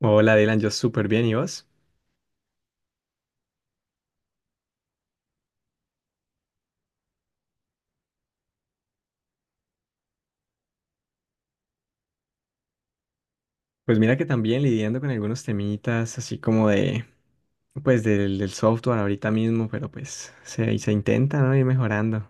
Hola Dylan, yo súper bien, ¿y vos? Pues mira que también lidiando con algunos temitas así como de, pues del software ahorita mismo, pero pues se intenta, ¿no? Ir mejorando.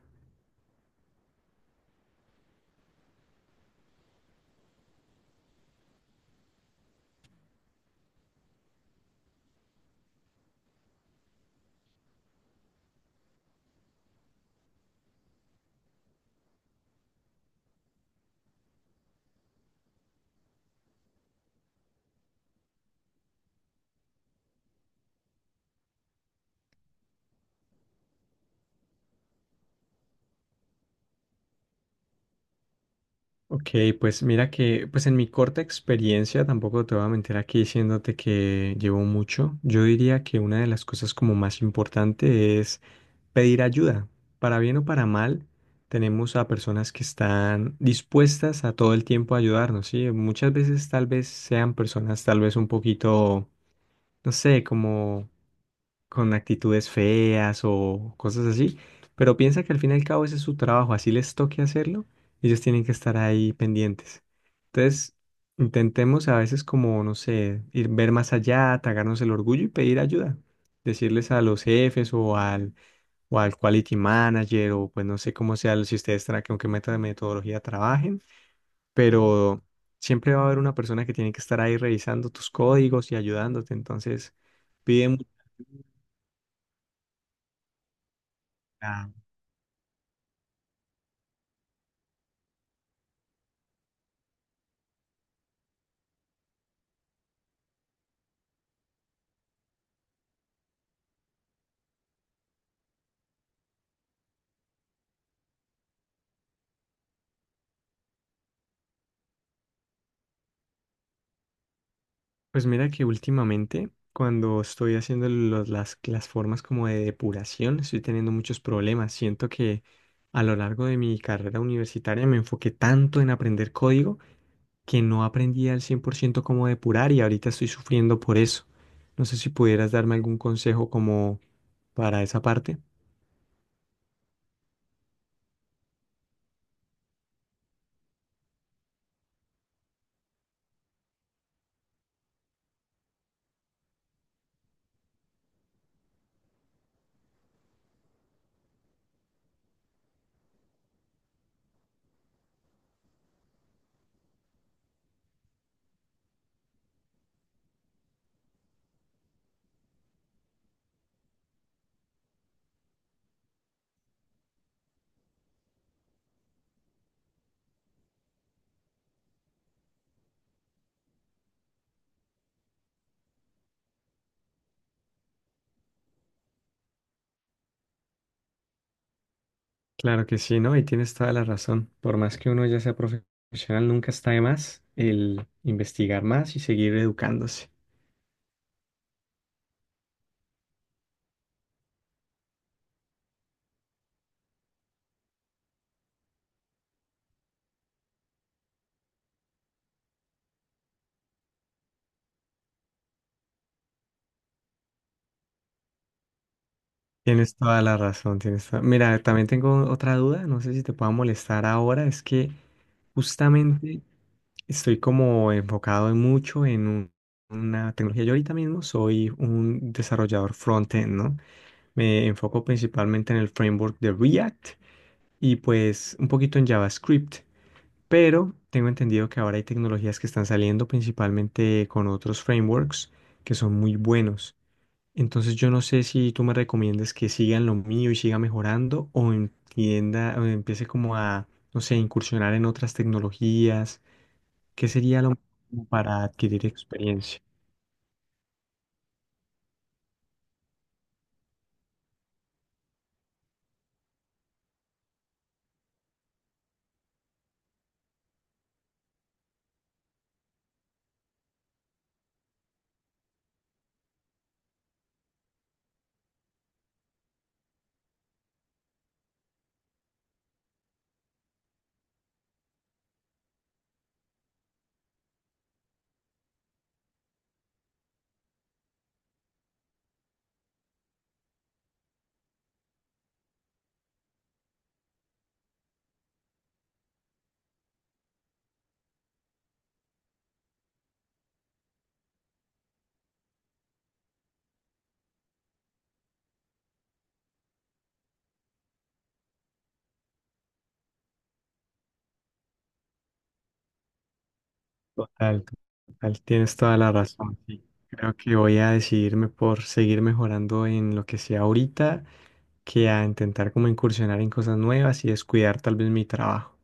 Ok, pues mira que, pues en mi corta experiencia, tampoco te voy a mentir aquí diciéndote que llevo mucho. Yo diría que una de las cosas como más importante es pedir ayuda. Para bien o para mal, tenemos a personas que están dispuestas a todo el tiempo a ayudarnos, ¿sí? Muchas veces tal vez sean personas tal vez un poquito, no sé, como con actitudes feas o cosas así, pero piensa que al fin y al cabo ese es su trabajo, así les toque hacerlo, ellos tienen que estar ahí pendientes. Entonces, intentemos a veces como, no sé, ir ver más allá, tragarnos el orgullo y pedir ayuda. Decirles a los jefes o al quality manager, o pues no sé cómo sea, si ustedes con qué de metodología trabajen, pero siempre va a haber una persona que tiene que estar ahí revisando tus códigos y ayudándote, entonces pide mu- Ah, pues mira que últimamente cuando estoy haciendo las formas como de depuración, estoy teniendo muchos problemas, siento que a lo largo de mi carrera universitaria me enfoqué tanto en aprender código que no aprendí al 100% cómo depurar y ahorita estoy sufriendo por eso. No sé si pudieras darme algún consejo como para esa parte. Claro que sí, ¿no? Y tienes toda la razón. Por más que uno ya sea profesional, nunca está de más el investigar más y seguir educándose. Tienes toda la razón, Mira, también tengo otra duda, no sé si te pueda molestar ahora, es que justamente estoy como enfocado en mucho en una tecnología. Yo ahorita mismo soy un desarrollador front-end, ¿no? Me enfoco principalmente en el framework de React y pues un poquito en JavaScript, pero tengo entendido que ahora hay tecnologías que están saliendo principalmente con otros frameworks que son muy buenos. Entonces yo no sé si tú me recomiendas que sigan lo mío y siga mejorando o entienda o empiece como a, no sé, incursionar en otras tecnologías. ¿Qué sería lo mejor como para adquirir experiencia? Total, total, tienes toda la razón. Sí. Creo que voy a decidirme por seguir mejorando en lo que sea ahorita que a intentar como incursionar en cosas nuevas y descuidar tal vez mi trabajo.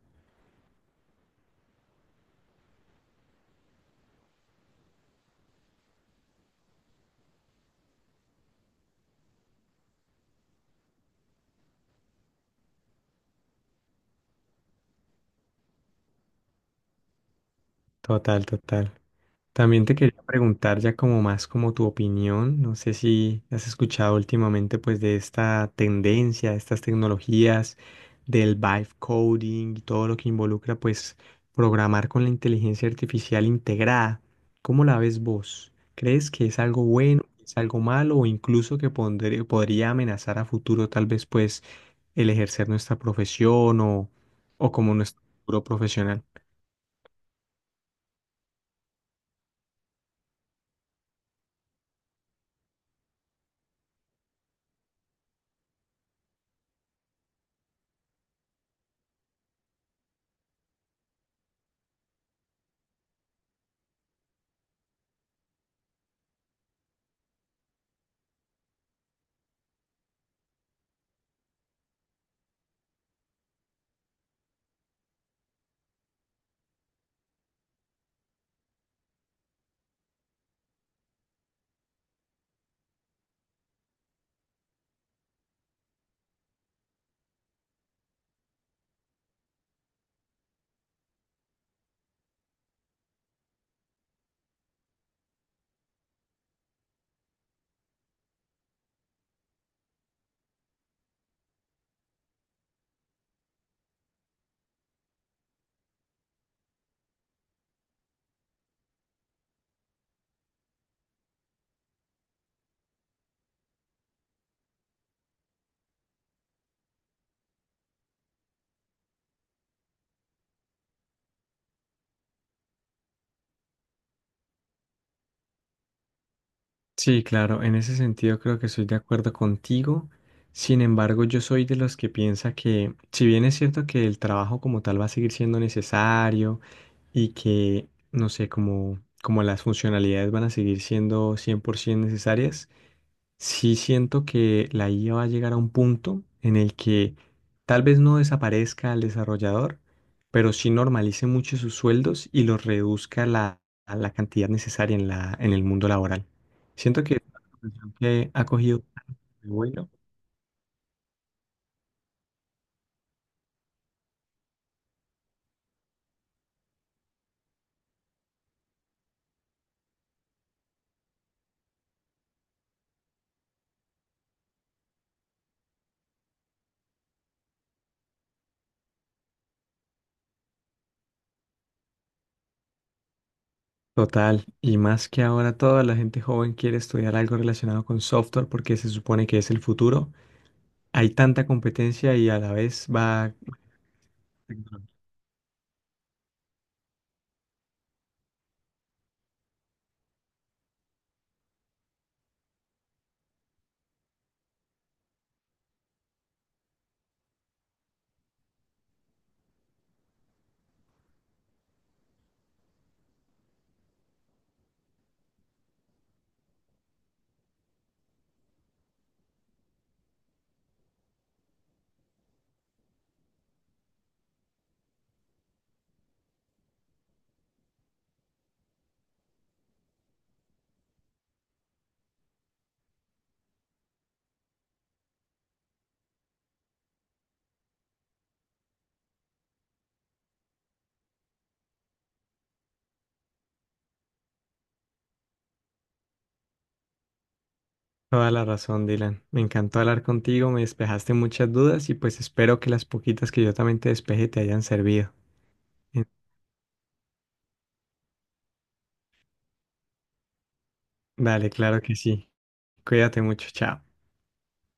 Total, total. También te quería preguntar ya como más como tu opinión, no sé si has escuchado últimamente pues de esta tendencia, estas tecnologías del vibe coding y todo lo que involucra pues programar con la inteligencia artificial integrada. ¿Cómo la ves vos? ¿Crees que es algo bueno, es algo malo o incluso que podría amenazar a futuro tal vez pues el ejercer nuestra profesión o como nuestro futuro profesional? Sí, claro, en ese sentido creo que estoy de acuerdo contigo. Sin embargo, yo soy de los que piensa que, si bien es cierto que el trabajo como tal va a seguir siendo necesario y que, no sé, como, como las funcionalidades van a seguir siendo 100% necesarias, sí siento que la IA va a llegar a un punto en el que tal vez no desaparezca al desarrollador, pero sí normalice mucho sus sueldos y los reduzca a la cantidad necesaria en en el mundo laboral. Siento que es una profesión que ha cogido bueno. Total, y más que ahora toda la gente joven quiere estudiar algo relacionado con software porque se supone que es el futuro. Hay tanta competencia y a la vez va. Toda la razón, Dylan. Me encantó hablar contigo, me despejaste muchas dudas y pues espero que las poquitas que yo también te despeje te hayan servido. Eh, Dale, claro que sí. Cuídate mucho, chao.